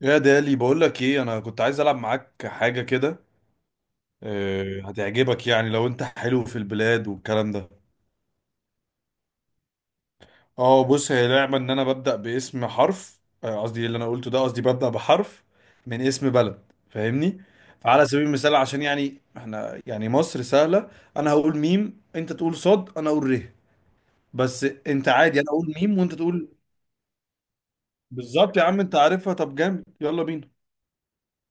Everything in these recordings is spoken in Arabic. يا دالي، بقول لك ايه، انا كنت عايز العب معاك حاجه كده. آه، هتعجبك يعني لو انت حلو في البلاد والكلام ده. اه، بص هي لعبه ان انا ببدا باسم حرف، قصدي اللي انا قلته ده، قصدي ببدا بحرف من اسم بلد، فاهمني؟ فعلى سبيل المثال، عشان يعني احنا يعني مصر سهله. انا هقول ميم، انت تقول صاد، انا اقول ره. بس انت عادي، انا اقول ميم وانت تقول. بالظبط يا عم، انت عارفها، طب جامد، يلا بينا.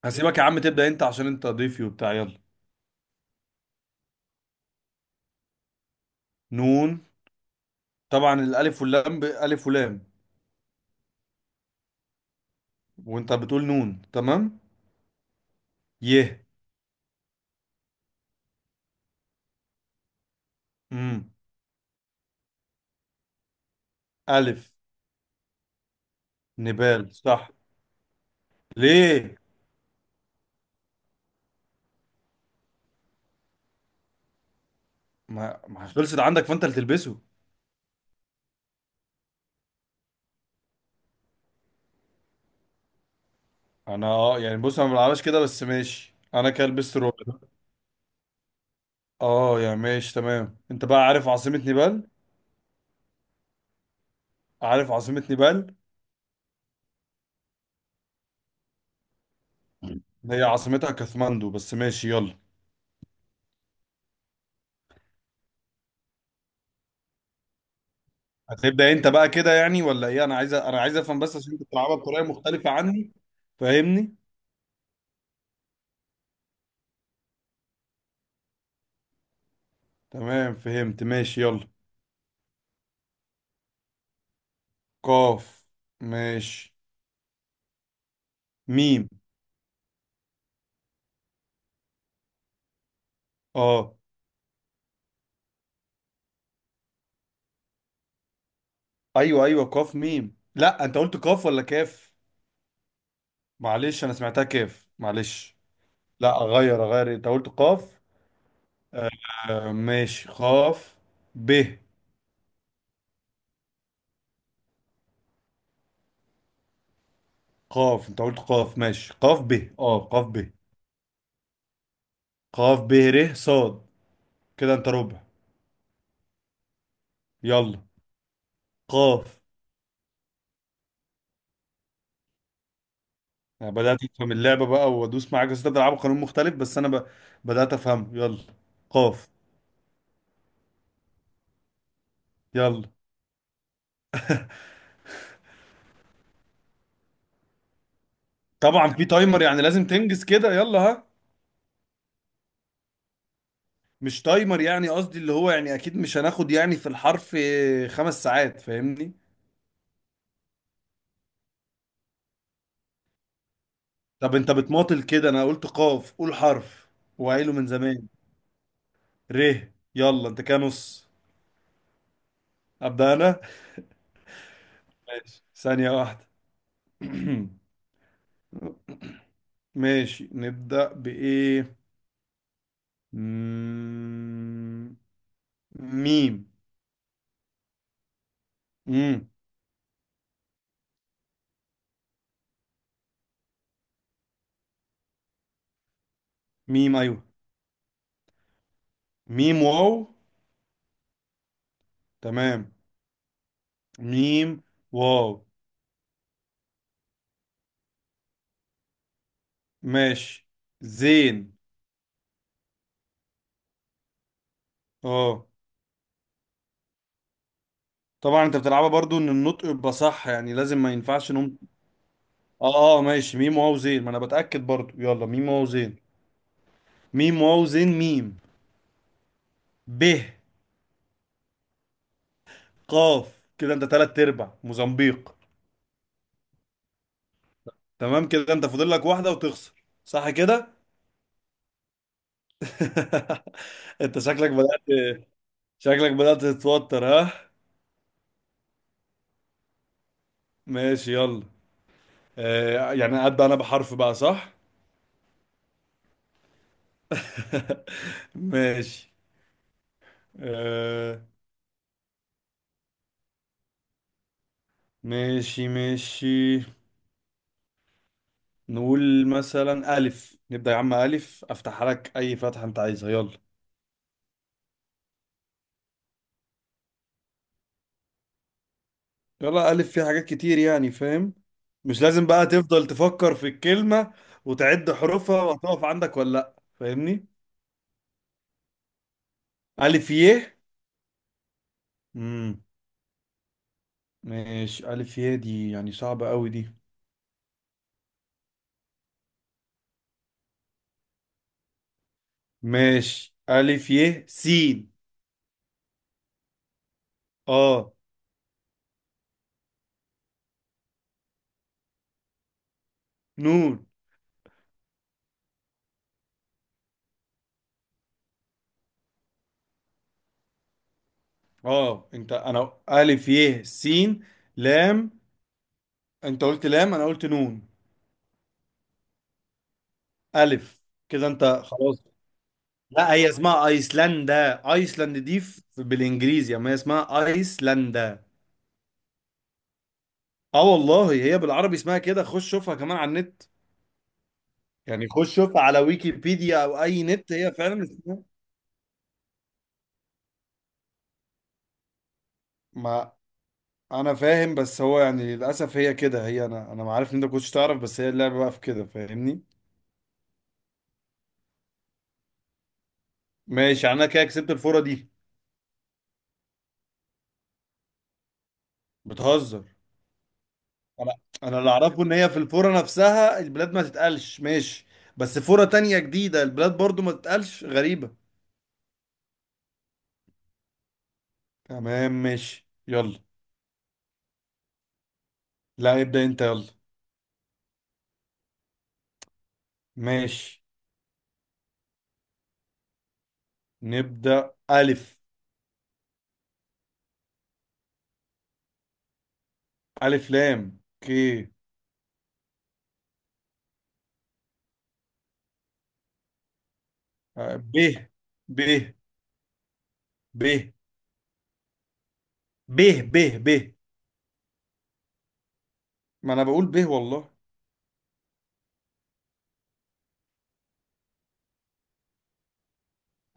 هسيبك يا عم تبدا انت، عشان انت ضيفي وبتاع، يلا. نون. طبعا الالف واللام، الف ولام. وانت بتقول نون، تمام. ي. امم الف. نبال، صح؟ ليه؟ ما خلصت عندك، فانت اللي تلبسه. انا يعني بص انا ما بلعبهاش كده، بس ماشي انا كلبس رول. اه يعني ماشي تمام، انت بقى عارف عاصمة نيبال؟ عارف عاصمة نيبال؟ هي عاصمتها كاثماندو، بس ماشي يلا. هتبدأ انت بقى كده يعني ولا ايه؟ انا عايز افهم، بس عشان انت بتلعبها بطريقة مختلفة عني. فاهمني؟ تمام، فهمت، ماشي يلا. قاف. ماشي. ميم. اه. ايوه، ايوه، قاف ميم. لا، انت قلت قاف ولا كاف؟ معلش، انا سمعتها كاف، معلش. لا، اغير اغير، انت قلت قاف. آه ماشي، قاف. ب. قاف، انت قلت قاف، ماشي قاف ب. اه، قاف ب. قاف ب ر. صاد. كده انت ربع. يلا. قاف. أنا بدأت أفهم اللعبة بقى وأدوس معاك، بس أنت بتلعبوا قانون مختلف، بس أنا بدأت أفهمه، يلا. قاف. يلا. طبعا في تايمر، يعني لازم تنجز كده، يلا، ها. مش تايمر يعني، قصدي اللي هو يعني اكيد مش هناخد يعني في الحرف 5 ساعات، فاهمني؟ طب انت بتماطل كده، انا قلت قاف، قول حرف وعيله من زمان. ر. يلا، انت كده نص. ابدا انا. ماشي، ثانية واحدة. ماشي، نبدأ بإيه؟ مم، ميم. مم. ميم، أيوه. ميم واو. تمام. ميم واو، ماشي، زين. اه، طبعا انت بتلعبها برضو ان النطق يبقى صح، يعني لازم ما ينفعش نقوم. اه، اه، ماشي ميم واو زين، ما انا بتأكد برضو، يلا ميم واو زين. ميم واو زين ميم. ب. قاف، كده انت تلات ارباع، موزمبيق. تمام، كده انت فاضل لك واحدة وتخسر، صح كده؟ انت شكلك بدأت، شكلك بدأت تتوتر، ها؟ ماشي يلا. آه، يعني ابدأ انا بحرف بقى، صح؟ ماشي. آه. ماشي، ماشي. نقول مثلا ألف، نبدأ يا عم، ألف، أفتح لك أي فتحة أنت عايزها، يلا. يلا، ألف فيها حاجات كتير يعني، فاهم؟ مش لازم بقى تفضل تفكر في الكلمة وتعد حروفها وهتقف عندك ولا لأ، فاهمني؟ ألف يه. امم ماشي، ألف يه دي يعني صعبة أوي دي. ماشي، ألف يه سين. آه. نون. آه، أنا ألف يه سين. لام. أنت قلت لام، أنا قلت نون. ألف، كده أنت خلاص. لا، هي اسمها ايسلندا، ايسلند دي بالانجليزي، اما هي اسمها ايسلندا. اه والله، هي بالعربي اسمها كده، خش شوفها كمان على النت. يعني خش شوفها على ويكيبيديا او اي نت، هي فعلا اسمها. ما. انا فاهم، بس هو يعني للاسف هي كده، هي انا ما عارف ان انت كنتش تعرف، بس هي اللعبه بقى في كده، فاهمني؟ ماشي، يعني انا كده كسبت الفوره دي. بتهزر؟ انا انا اللي اعرفه ان هي في الفوره نفسها البلاد ما تتقالش، ماشي. بس فوره تانية جديده البلاد برضو ما تتقالش، غريبه. تمام، ماشي يلا. لا، ابدأ انت، يلا. ماشي. نبدأ ألف. ألف لام، اوكي. ب. ب. ب. ب. ب ب. ما انا بقول ب والله.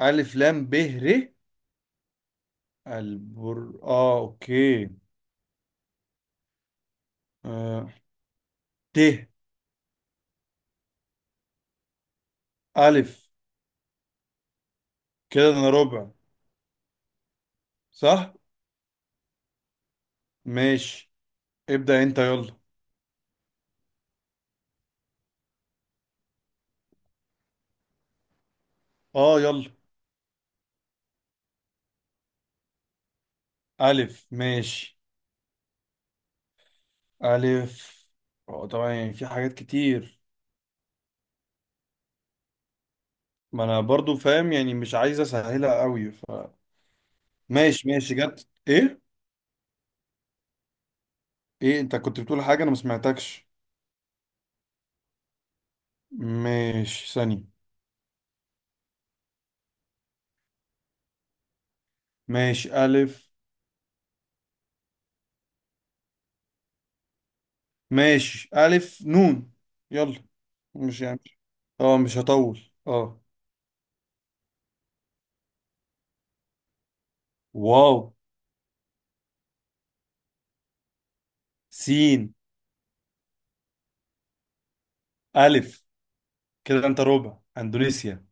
ألف لام ب ر. البر، اه، اوكي. آه. ت. ألف. كده انا ربع، صح. ماشي. ابدأ انت، يلا. اه، يلا. ألف، ماشي. ألف. اه، طبعا يعني في حاجات كتير. ما انا برضو فاهم يعني، مش عايز اسهلها قوي، ماشي ماشي، جت ايه؟ ايه؟ انت كنت بتقول حاجة، انا ما سمعتكش. ماشي، ثانية. ماشي، الف. ماشي، الف نون. يلا. مش يعني، اه مش هطول. اه. واو. سين. الف. كده انت ربع، اندونيسيا.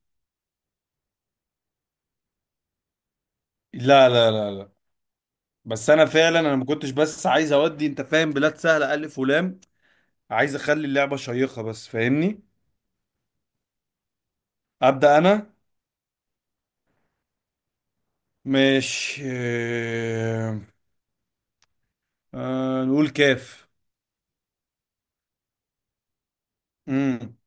لا، لا، لا، لا. بس انا فعلا، انا ما كنتش، بس عايز اودي، انت فاهم، بلاد سهلة الف ولام. عايز اخلي اللعبة شيقة بس، فاهمني؟ ابدا انا. ماشي، نقول كاف. مم.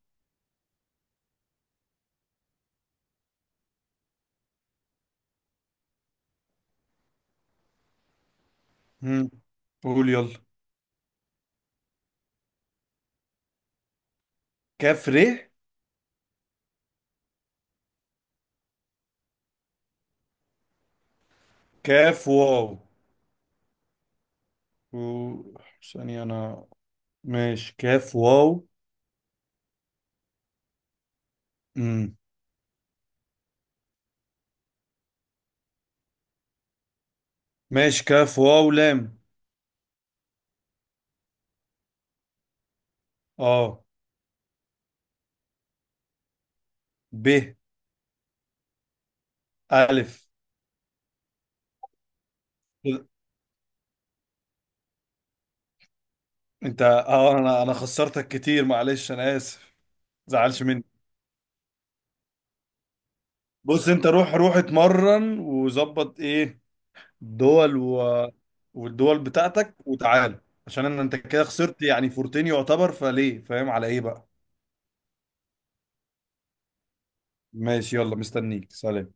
مم. قول يلا. كاف ر. كاف واو. و... ثانية أنا. ماشي، كاف واو. مم. ماشي، كاف واو لام. اه. ب. ألف. أنت اه أنا خسرتك كتير، معلش، أنا آسف. زعلش مني؟ بص أنت، روح روح اتمرن وظبط إيه دول، والدول بتاعتك وتعالى. عشان انت كده خسرت يعني فورتين يعتبر، فليه، فاهم على ايه بقى؟ ماشي يلا، مستنيك، سلام.